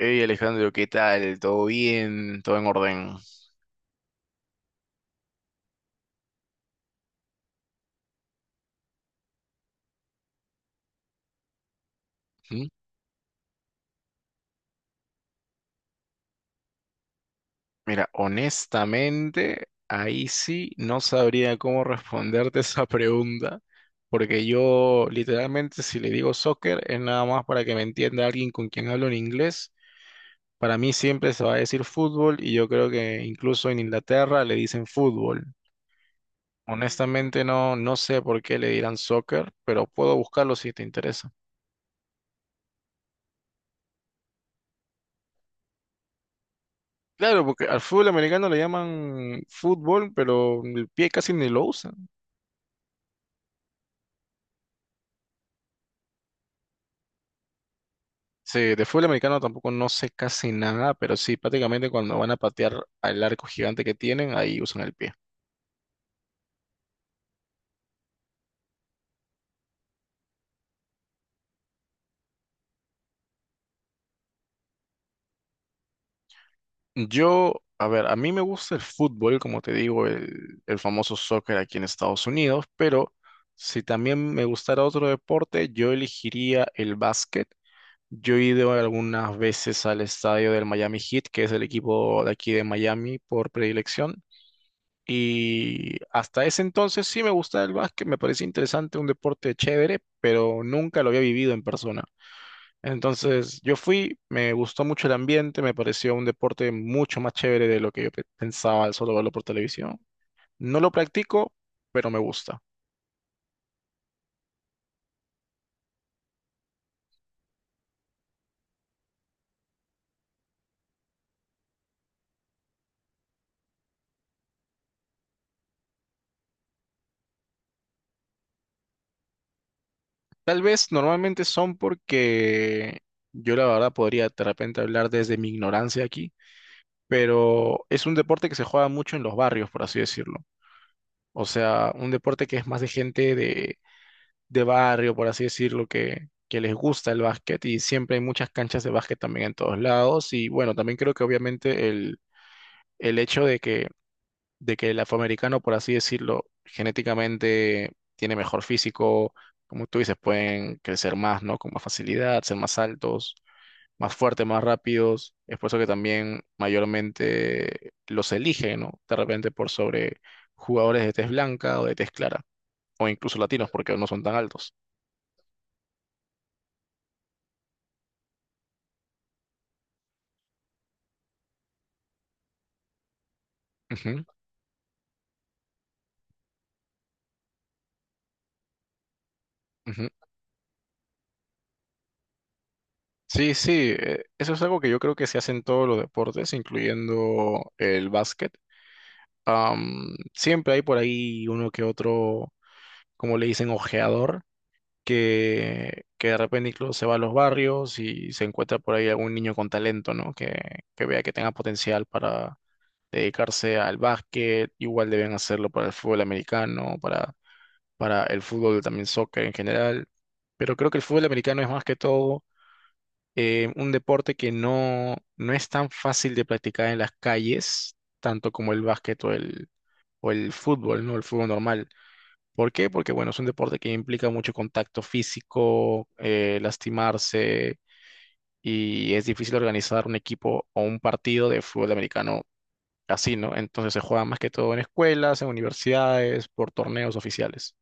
Hey Alejandro, ¿qué tal? ¿Todo bien? ¿Todo en orden? ¿Mm? Mira, honestamente, ahí sí no sabría cómo responderte esa pregunta, porque yo literalmente si le digo soccer es nada más para que me entienda alguien con quien hablo en inglés. Para mí siempre se va a decir fútbol y yo creo que incluso en Inglaterra le dicen fútbol. Honestamente no, no sé por qué le dirán soccer, pero puedo buscarlo si te interesa. Claro, porque al fútbol americano le llaman fútbol, pero el pie casi ni lo usan. Sí, de fútbol americano tampoco no sé casi nada, pero sí, prácticamente cuando van a patear al arco gigante que tienen, ahí usan el pie. Yo, a ver, a mí me gusta el fútbol, como te digo, el famoso soccer aquí en Estados Unidos, pero si también me gustara otro deporte, yo elegiría el básquet. Yo he ido algunas veces al estadio del Miami Heat, que es el equipo de aquí de Miami por predilección. Y hasta ese entonces sí me gustaba el básquet, me parecía interesante, un deporte chévere, pero nunca lo había vivido en persona. Entonces yo fui, me gustó mucho el ambiente, me pareció un deporte mucho más chévere de lo que yo pensaba al solo verlo por televisión. No lo practico, pero me gusta. Tal vez normalmente son porque yo la verdad podría de repente hablar desde mi ignorancia aquí, pero es un deporte que se juega mucho en los barrios, por así decirlo. O sea, un deporte que es más de gente de barrio, por así decirlo, que les gusta el básquet y siempre hay muchas canchas de básquet también en todos lados. Y bueno, también creo que obviamente el hecho de que el afroamericano, por así decirlo, genéticamente tiene mejor físico, como tú dices, pueden crecer más, ¿no? Con más facilidad, ser más altos, más fuertes, más rápidos. Es por eso que también mayormente los eligen, ¿no? De repente por sobre jugadores de tez blanca o de tez clara o incluso latinos, porque no son tan altos. Ujú, ujú. Sí, sí, eso es algo que yo creo que se hace en todos los deportes, incluyendo el básquet. Siempre hay por ahí uno que otro, como le dicen, ojeador, que de repente incluso se va a los barrios y se encuentra por ahí algún niño con talento, ¿no? Que vea que tenga potencial para dedicarse al básquet, igual deben hacerlo para el fútbol americano, para el fútbol, también soccer en general, pero creo que el fútbol americano es más que todo un deporte que no, no es tan fácil de practicar en las calles, tanto como el básquet o el fútbol, ¿no? El fútbol normal. ¿Por qué? Porque, bueno, es un deporte que implica mucho contacto físico, lastimarse, y es difícil organizar un equipo o un partido de fútbol americano así, ¿no? Entonces se juega más que todo en escuelas, en universidades, por torneos oficiales.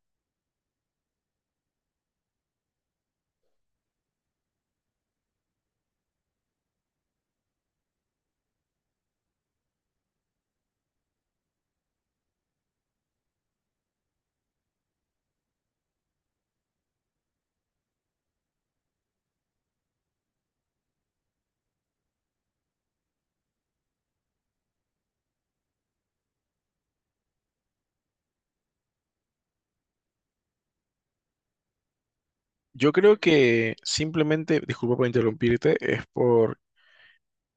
Yo creo que simplemente, disculpa por interrumpirte, es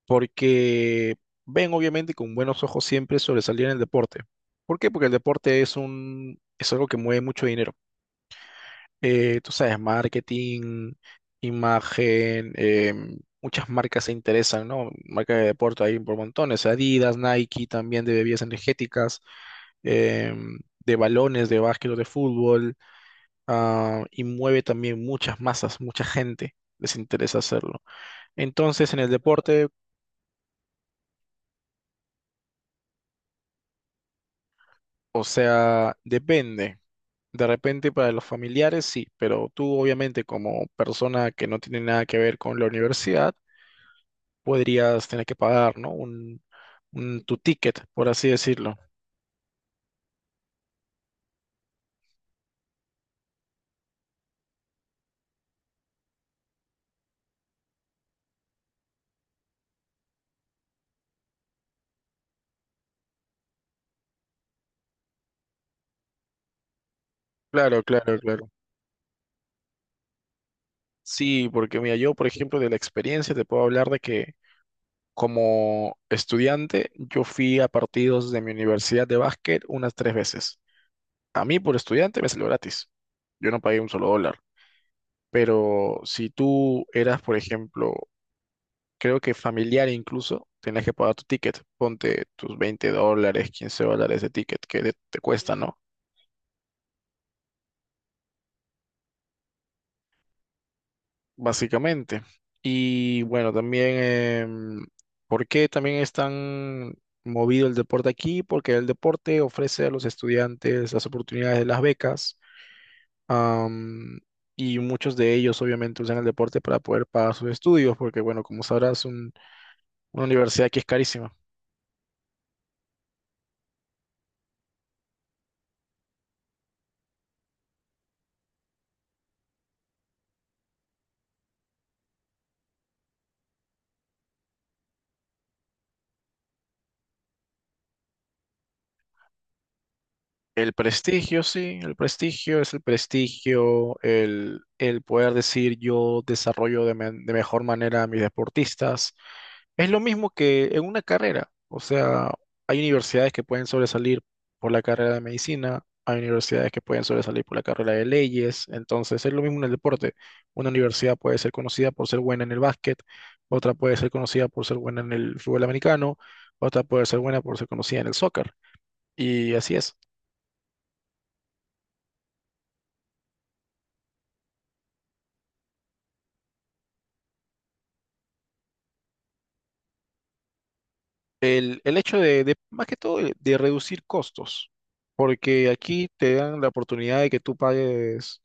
porque ven obviamente con buenos ojos siempre sobresalir en el deporte. ¿Por qué? Porque el deporte es algo que mueve mucho dinero. Tú sabes, marketing, imagen, muchas marcas se interesan, ¿no? Marcas de deporte hay por montones, Adidas, Nike, también de bebidas energéticas, em, de balones, de básquet o de fútbol ah, y mueve también muchas masas, mucha gente les interesa hacerlo. Entonces, en el deporte, o sea, depende. De repente para los familiares sí, pero tú obviamente como persona que no tiene nada que ver con la universidad, podrías tener que pagar, ¿no? Tu ticket, por así decirlo. Claro, claro, claro. Sí, porque mira, yo por ejemplo de la experiencia te puedo hablar de que como estudiante yo fui a partidos de mi universidad de básquet unas tres veces. A mí por estudiante me salió gratis. Yo no pagué un solo dólar. Pero si tú eras, por ejemplo, creo que familiar incluso, tenías que pagar tu ticket. Ponte tus $20, $15 de ticket que te cuesta, ¿no? Básicamente. Y bueno, también, em, ¿por qué también es tan movido el deporte aquí? Porque el deporte ofrece a los estudiantes las oportunidades de las becas. Am, y muchos de ellos obviamente usan el deporte para poder pagar sus estudios, porque bueno, como sabrás, una universidad que es carísima. El prestigio, sí, el prestigio es el prestigio, el poder decir yo desarrollo de mejor manera a mis deportistas. Es lo mismo que en una carrera, o sea, hay universidades que pueden sobresalir por la carrera de medicina, hay universidades que pueden sobresalir por la carrera de leyes, entonces es lo mismo en el deporte. Una universidad puede ser conocida por ser buena en el básquet, otra puede ser conocida por ser buena en el fútbol americano, otra puede ser buena por ser conocida en el soccer, y así es. El hecho de, más que todo, de reducir costos, porque aquí te dan la oportunidad de que tú pagues.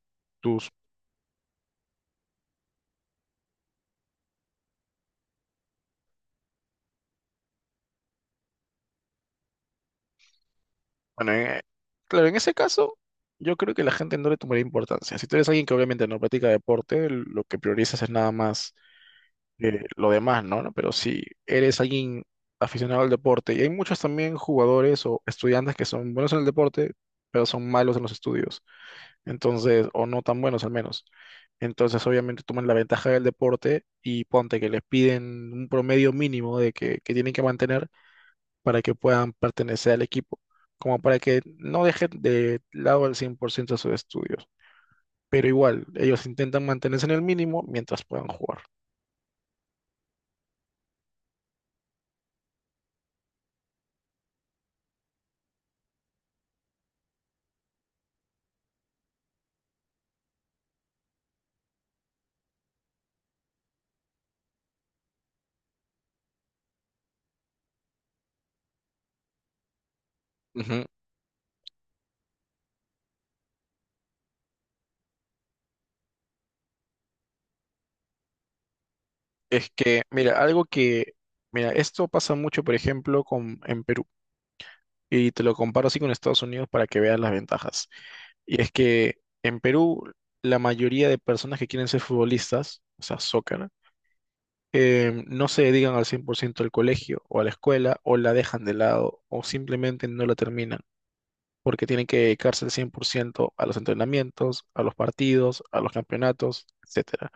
Bueno, claro, en ese caso, yo creo que la gente no le tomaría importancia. Si tú eres alguien que obviamente no practica deporte, lo que priorizas es nada más lo demás, ¿no? ¿no? Pero si eres alguien aficionado al deporte, y hay muchos también jugadores o estudiantes que son buenos en el deporte, pero son malos en los estudios, entonces, o no tan buenos al menos. Entonces, obviamente, toman la ventaja del deporte y ponte que les piden un promedio mínimo de que tienen que mantener para que puedan pertenecer al equipo, como para que no dejen de lado al 100% sus estudios. Pero igual, ellos intentan mantenerse en el mínimo mientras puedan jugar. Ujú. Es que, mira, algo que, mira, esto pasa mucho, por ejemplo, en Perú, y te lo comparo así con Estados Unidos para que veas las ventajas. Y es que en Perú, la mayoría de personas que quieren ser futbolistas, o sea, soccer, no se dedican al 100% al colegio o a la escuela, o la dejan de lado, o simplemente no la terminan. Porque tienen que dedicarse al 100% a los entrenamientos, a los partidos, a los campeonatos, etcétera.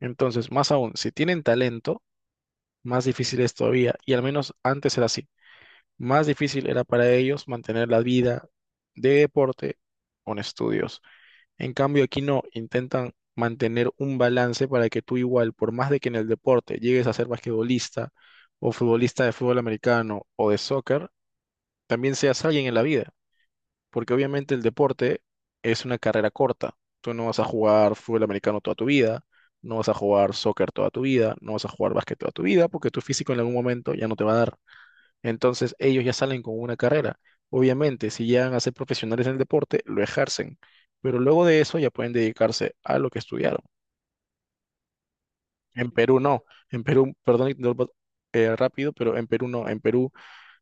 Entonces, más aún, si tienen talento, más difícil es todavía, y al menos antes era así, más difícil era para ellos mantener la vida de deporte con estudios. En cambio, aquí no, intentan mantener un balance para que tú igual, por más de que en el deporte llegues a ser basquetbolista o futbolista de fútbol americano o de soccer, también seas alguien en la vida porque obviamente el deporte es una carrera corta. Tú no vas a jugar fútbol americano toda tu vida, no vas a jugar soccer toda tu vida, no vas a jugar básquet toda tu vida, porque tu físico en algún momento ya no te va a dar. Entonces ellos ya salen con una carrera. Obviamente, si llegan a ser profesionales en el deporte, lo ejercen, pero luego de eso ya pueden dedicarse a lo que estudiaron. En Perú no, en Perú, perdón, interrumpo, rápido, pero en Perú no, en Perú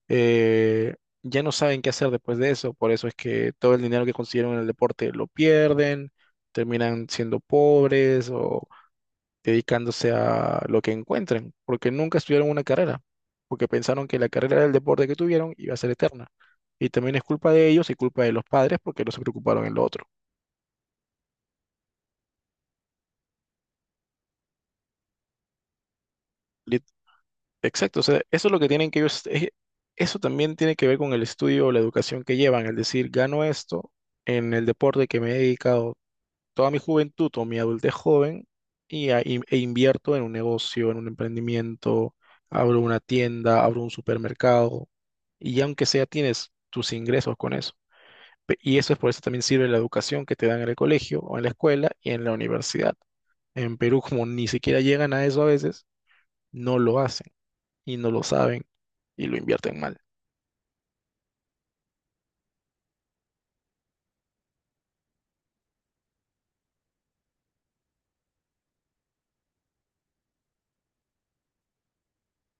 eh, ya no saben qué hacer después de eso, por eso es que todo el dinero que consiguieron en el deporte lo pierden, terminan siendo pobres o dedicándose a lo que encuentren, porque nunca estudiaron una carrera, porque pensaron que la carrera del deporte que tuvieron iba a ser eterna. Y también es culpa de ellos y culpa de los padres porque no se preocuparon en lo otro. Lit- Exacto, o sea, eso es lo que tienen que ellos, eso también tiene que ver con el estudio o la educación que llevan, es decir, gano esto en el deporte que me he dedicado toda mi juventud o mi adultez joven e invierto en un negocio, en un emprendimiento, abro una tienda, abro un supermercado y aunque sea tienes tus ingresos con eso. Y eso es por eso también sirve la educación que te dan en el colegio o en la escuela y en la universidad. En Perú, como ni siquiera llegan a eso a veces, no lo hacen y no lo saben y lo invierten mal.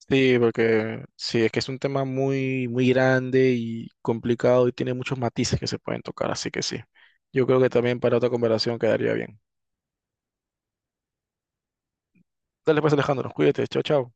Sí, porque sí, es que es un tema muy, muy grande y complicado y tiene muchos matices que se pueden tocar, así que sí. Yo creo que también para otra conversación quedaría bien. Dale pues, Alejandro, cuídate, chao, chao.